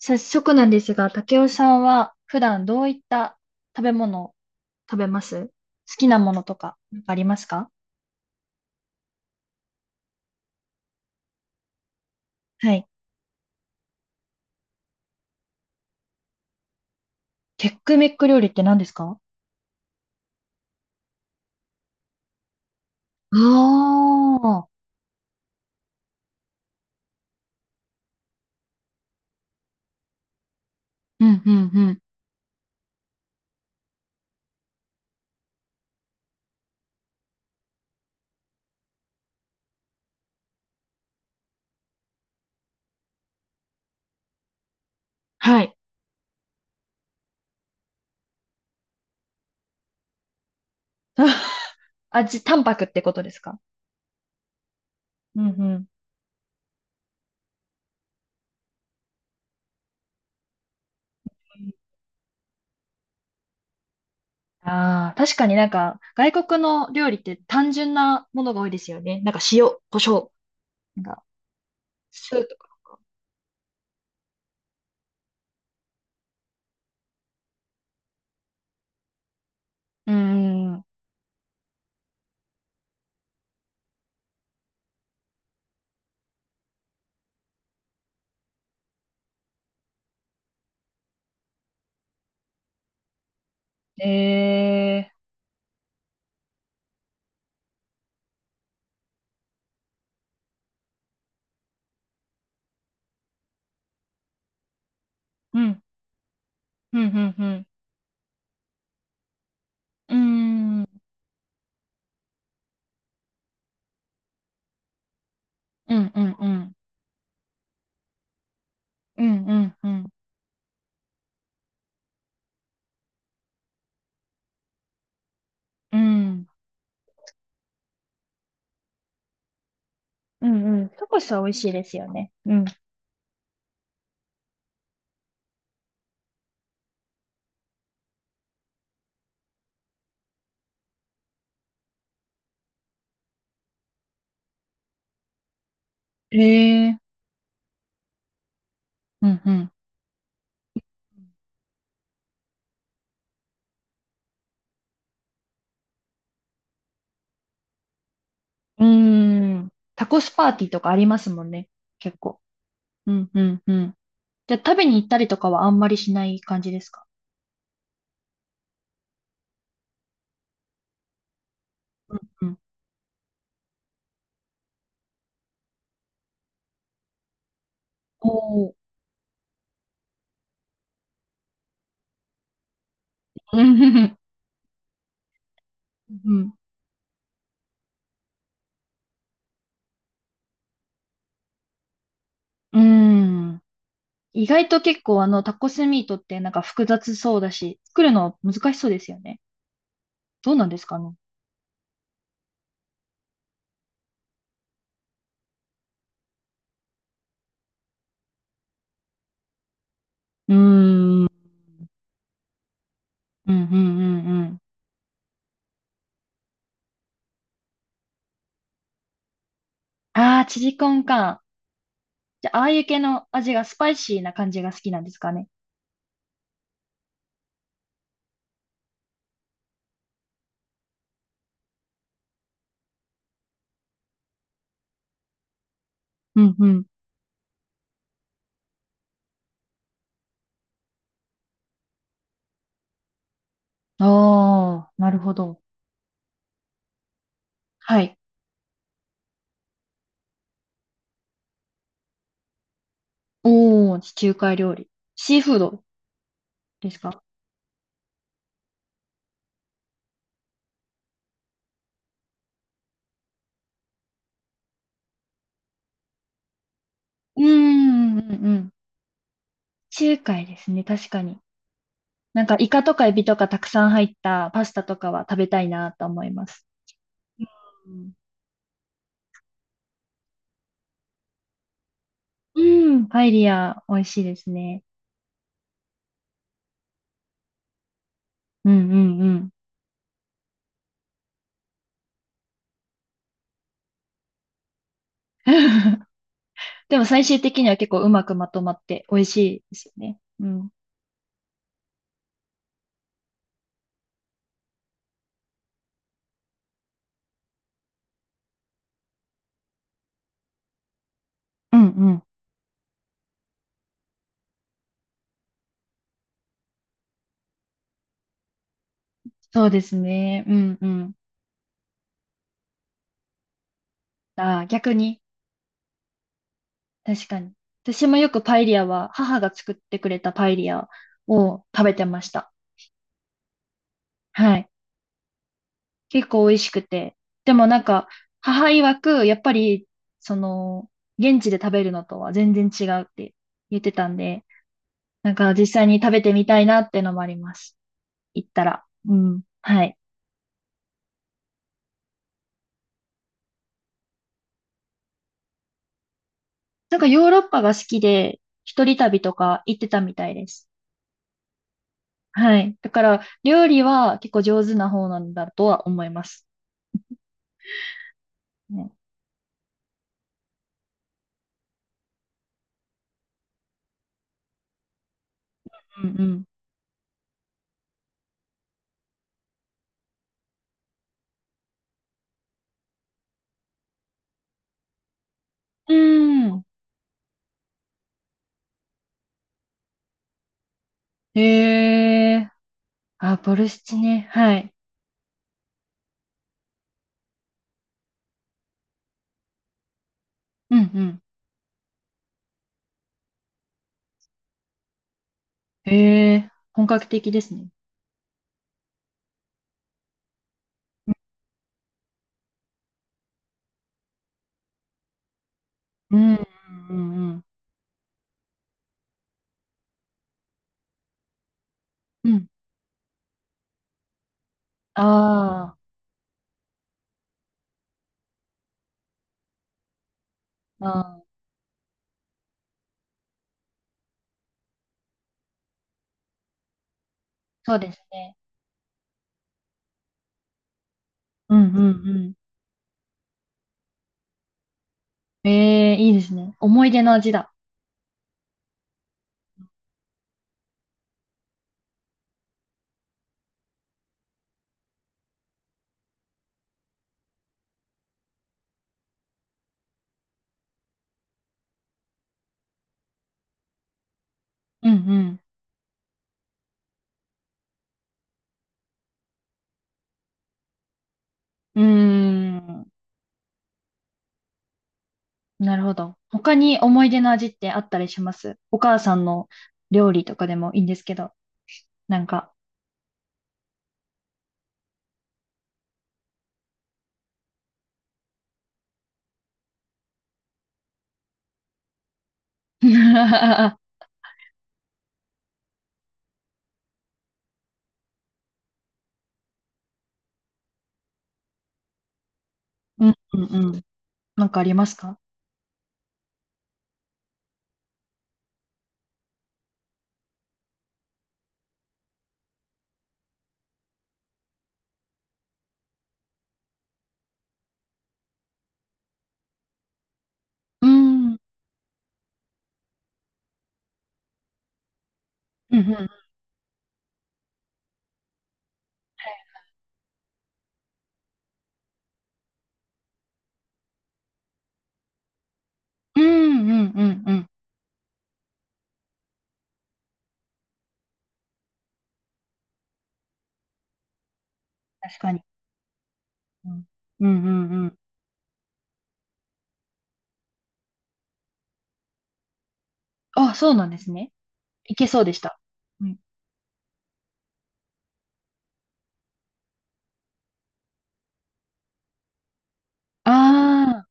早速なんですが、竹雄さんは普段どういった食べ物を食べます好きなものとか、なんかありますか？はい。テックメック料理って何ですか？ああー、うんうんうん。はい。味、淡白ってことですか？うんうん。ああ、確かになんか、外国の料理って単純なものが多いですよね。なんか塩、胡椒、なんか、酢とか。うーん。ええー。うん、うん、うん、うん。うーん、うん、うん、うん。うんうんうんうん。うんうん。タコスは美味しいですよね。うん。へえ。うんうん。うーん。タコスパーティーとかありますもんね。結構。うんうんうん。じゃあ食べに行ったりとかはあんまりしない感じですか？うんうん。おーうんうんうん。うーん。意外と結構あのタコスミートってなんか複雑そうだし、作るの難しそうですよね。どうなんですかね。うーん。うんうんうんうん。ああ、チリコンか。じゃあ、ああいう系の味がスパイシーな感じが好きなんですかね。うんうん。ああ、なるほど。はい。おー、地中海料理。シーフードですか？うーん、うん、うん。地中海ですね、確かに。なんか、イカとかエビとかたくさん入ったパスタとかは食べたいなと思います。うんうん、パエリア、美味しいですね。うんうんうん。でも最終的には結構うまくまとまって美味しいですよね。うん。うんうん。そうですね。うんうん。ああ、逆に。確かに。私もよくパエリアは、母が作ってくれたパエリアを食べてました。はい。結構美味しくて。でもなんか、母曰く、やっぱり、その、現地で食べるのとは全然違うって言ってたんで、なんか実際に食べてみたいなってのもあります。行ったら。うん。はい。なんかヨーロッパが好きで、一人旅とか行ってたみたいです。はい。だから、料理は結構上手な方なんだとは思います。ねうんうん。うーん。へえ。あ、ボルシチね。はい。うんうん。へえ。本格的ですね。うんうんうんうん。うん。あーあー、そうですね。うんうんうん。ええ、いいですね。思い出の味だ。うんうん。うーん。なるほど。他に思い出の味ってあったりしますお母さんの料理とかでもいいんですけど、なんか。うんうんうん。なんかありますか？うん。うんうんうんうんうんうん。確かに。うん。うんうんうん。あ、そうなんですね。いけそうでした。うん。ああ。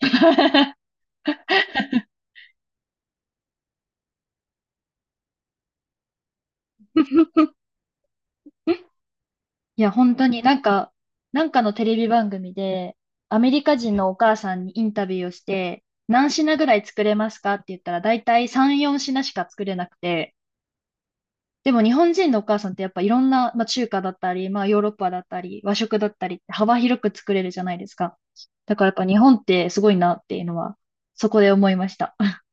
いや、本当になんか、なんかのテレビ番組で、アメリカ人のお母さんにインタビューをして、何品ぐらい作れますかって言ったら、だいたい3、4品しか作れなくて、でも日本人のお母さんってやっぱいろんな、まあ、中華だったり、まあヨーロッパだったり、和食だったりって幅広く作れるじゃないですか。だからやっぱ日本ってすごいなっていうのは、そこで思いました。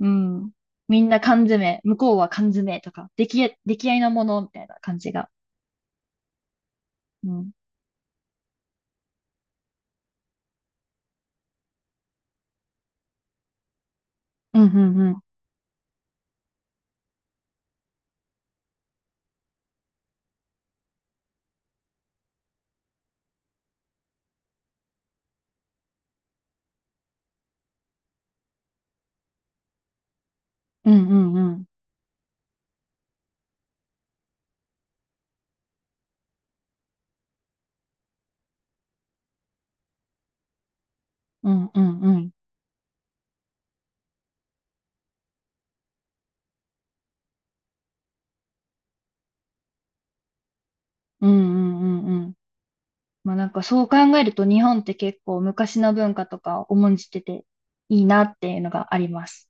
うん。みんな缶詰、向こうは缶詰とか、出来合いのものみたいな感じが。うん。うんうんうん。うんうんうん。うんうんうん。うんうんうんうん。まあなんかそう考えると日本って結構昔の文化とかを重んじてていいなっていうのがあります。